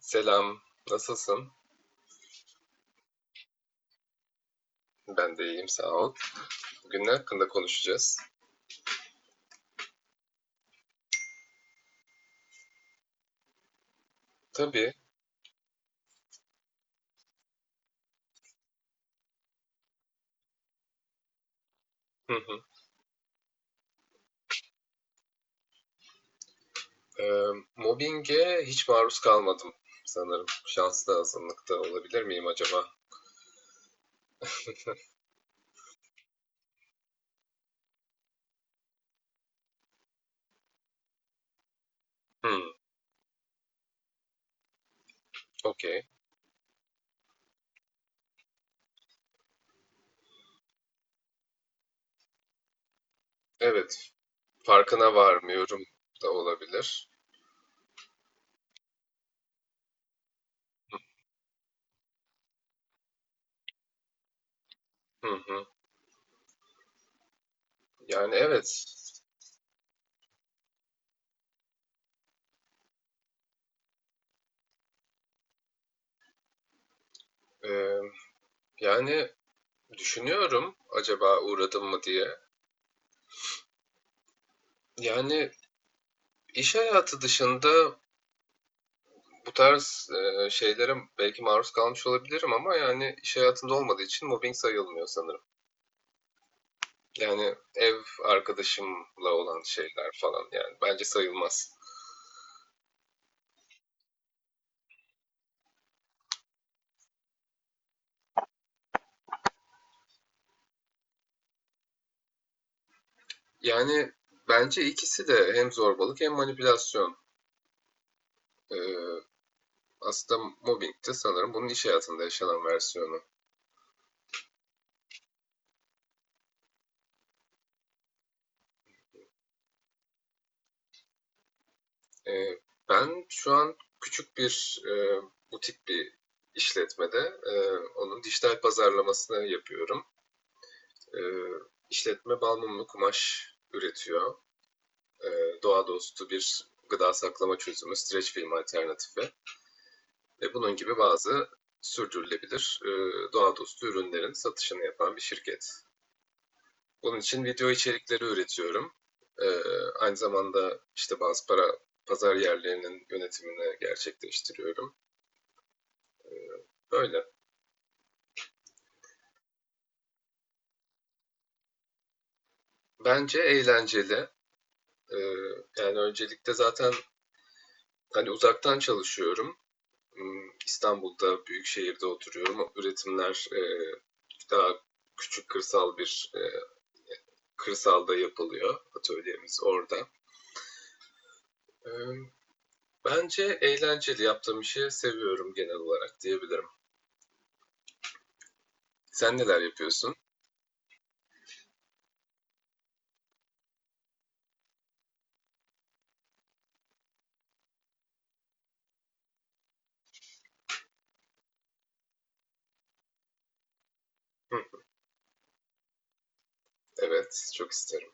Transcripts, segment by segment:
Selam, nasılsın? Ben de iyiyim, sağ ol. Bugün ne hakkında konuşacağız? Tabii. Hı hı. Ee, Mobbinge hiç maruz kalmadım sanırım. Şanslı azınlıkta olabilir miyim acaba? Hmm, okey. Evet, farkına varmıyorum da olabilir. Hı hı. Yani evet. Ee, Yani düşünüyorum acaba uğradım mı diye. Yani iş hayatı dışında bu tarz şeylere belki maruz kalmış olabilirim ama yani iş hayatında olmadığı için mobbing sayılmıyor sanırım. Yani ev arkadaşımla olan şeyler falan, yani bence sayılmaz. Yani bence ikisi de hem zorbalık hem manipülasyon. E, Aslında mobbing de sanırım bunun iş hayatında yaşanan versiyonu. E, Ben şu an küçük bir butik bir işletmede e, onun dijital pazarlamasını yapıyorum. E, işletme bal mumlu kumaş üretiyor. E, Doğa dostu bir gıda saklama çözümü, streç film alternatifi ve bunun gibi bazı sürdürülebilir doğa dostu ürünlerin satışını yapan bir şirket. Bunun için video içerikleri üretiyorum. E, Aynı zamanda işte bazı pazar yerlerinin yönetimini gerçekleştiriyorum. Böyle. Bence eğlenceli. E, Yani öncelikle zaten hani uzaktan çalışıyorum. İstanbul'da büyük şehirde oturuyorum. Üretimler daha küçük kırsal bir kırsalda yapılıyor. Atölyemiz orada. E, Bence eğlenceli, yaptığım işi seviyorum genel olarak diyebilirim. Sen neler yapıyorsun? Hı, evet, çok isterim.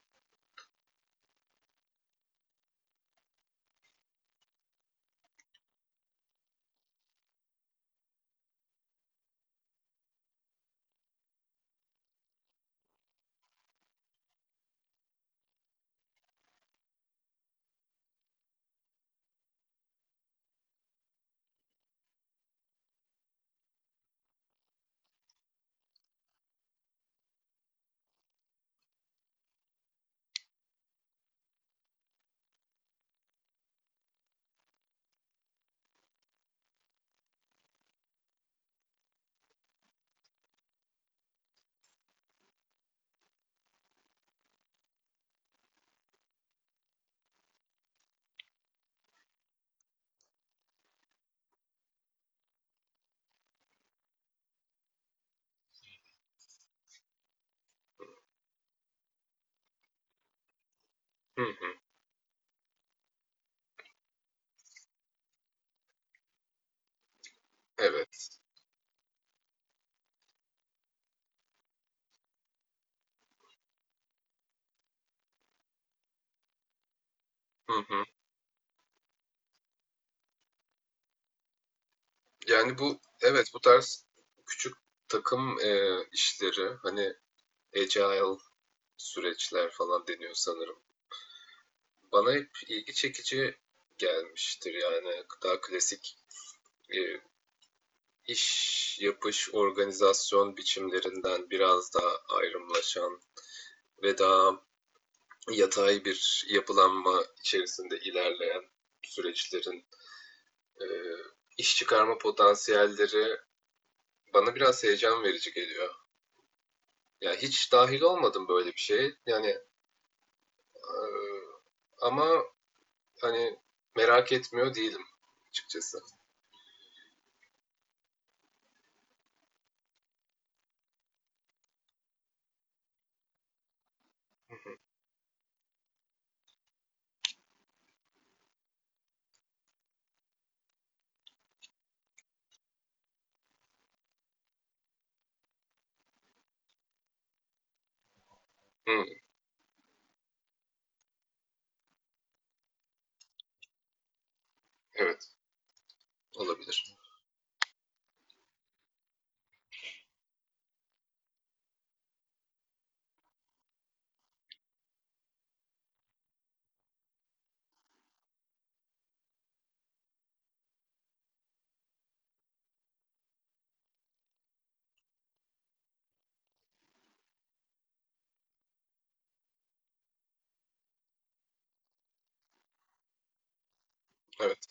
Hı hı, evet. Hı hı. Yani bu, evet, bu tarz küçük takım işleri, hani agile süreçler falan deniyor sanırım. Bana hep ilgi çekici gelmiştir, yani daha klasik e, iş yapış organizasyon biçimlerinden biraz daha ayrımlaşan ve daha yatay bir yapılanma içerisinde ilerleyen süreçlerin e, iş çıkarma potansiyelleri bana biraz heyecan verici geliyor. Yani hiç dahil olmadım böyle bir şeye, yani e, ama hani merak etmiyor değilim açıkçası. Hı, evet olabilir. Evet.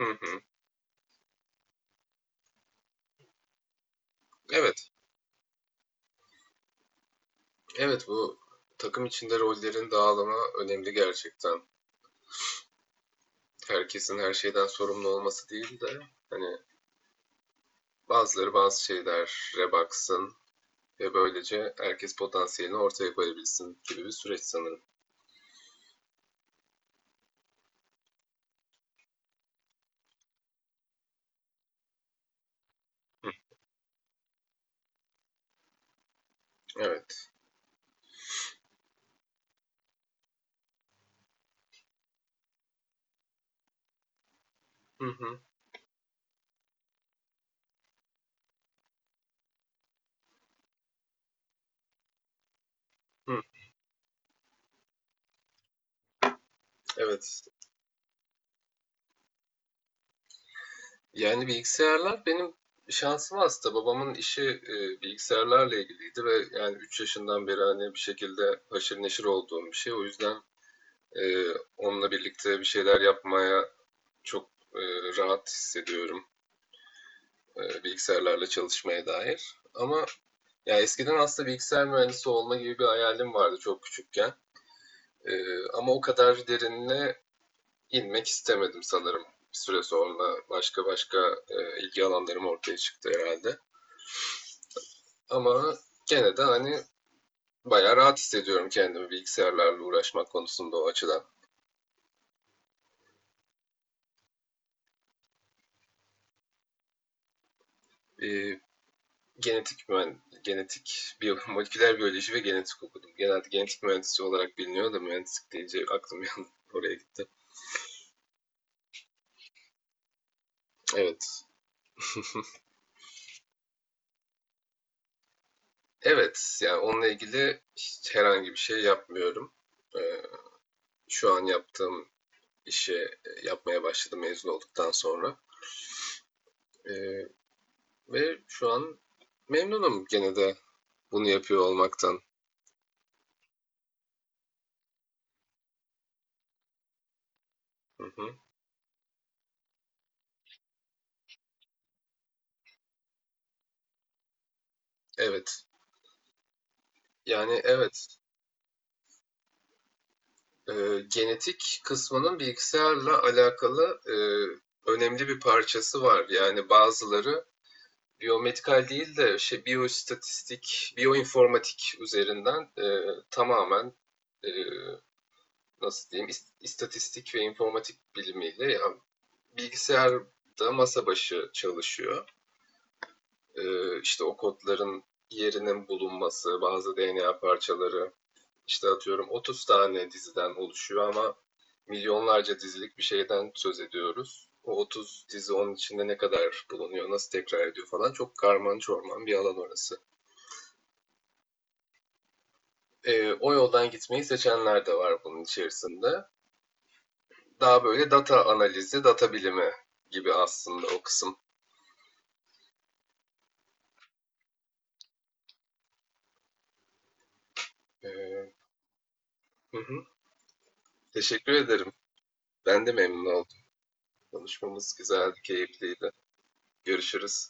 Hı hı. Evet. Evet, bu takım içinde rollerin dağılımı önemli gerçekten. Herkesin her şeyden sorumlu olması değil de, hani bazıları bazı şeylere baksın ve böylece herkes potansiyelini ortaya koyabilsin gibi bir süreç sanırım. Evet. Hı hı. Hı. Evet. Yani bilgisayarlar benim şansım aslında. Babamın işi bilgisayarlarla ilgiliydi ve yani 3 yaşından beri hani bir şekilde haşır neşir olduğum bir şey. O yüzden e, onunla birlikte bir şeyler yapmaya çok e, rahat hissediyorum bilgisayarlarla çalışmaya dair. Ama ya eskiden aslında bilgisayar mühendisi olma gibi bir hayalim vardı çok küçükken. E, Ama o kadar derinine inmek istemedim sanırım. Bir süre sonra başka başka ilgi alanlarım ortaya çıktı herhalde. Ama gene de hani bayağı rahat hissediyorum kendimi bilgisayarlarla uğraşmak konusunda, o açıdan. E, genetik, biyo moleküler biyoloji ve genetik okudum. Genelde genetik mühendisi olarak biliniyor da, mühendislik deyince aklım bir oraya gitti. Evet. Evet, yani onunla ilgili hiç herhangi bir şey yapmıyorum. Ee, Şu an yaptığım işi yapmaya başladım mezun olduktan sonra. Ee, Ve şu an memnunum gene de bunu yapıyor olmaktan. Hı hı. Evet. Yani evet. e, Genetik kısmının bilgisayarla alakalı önemli bir parçası var. Yani bazıları biyomedikal değil de şey, biyoistatistik, biyoinformatik üzerinden tamamen e, nasıl diyeyim, istatistik ve informatik bilimiyle, yani bilgisayarda masa başı çalışıyor. E, işte o kodların yerinin bulunması, bazı DNA parçaları, işte atıyorum 30 tane diziden oluşuyor ama milyonlarca dizilik bir şeyden söz ediyoruz. O 30 dizi onun içinde ne kadar bulunuyor, nasıl tekrar ediyor falan; çok karman çorman bir alan orası. O yoldan gitmeyi seçenler de var bunun içerisinde. Daha böyle data analizi, data bilimi gibi aslında o kısım. Ee, hı hı. Teşekkür ederim. Ben de memnun oldum. Konuşmamız güzeldi, keyifliydi. Görüşürüz.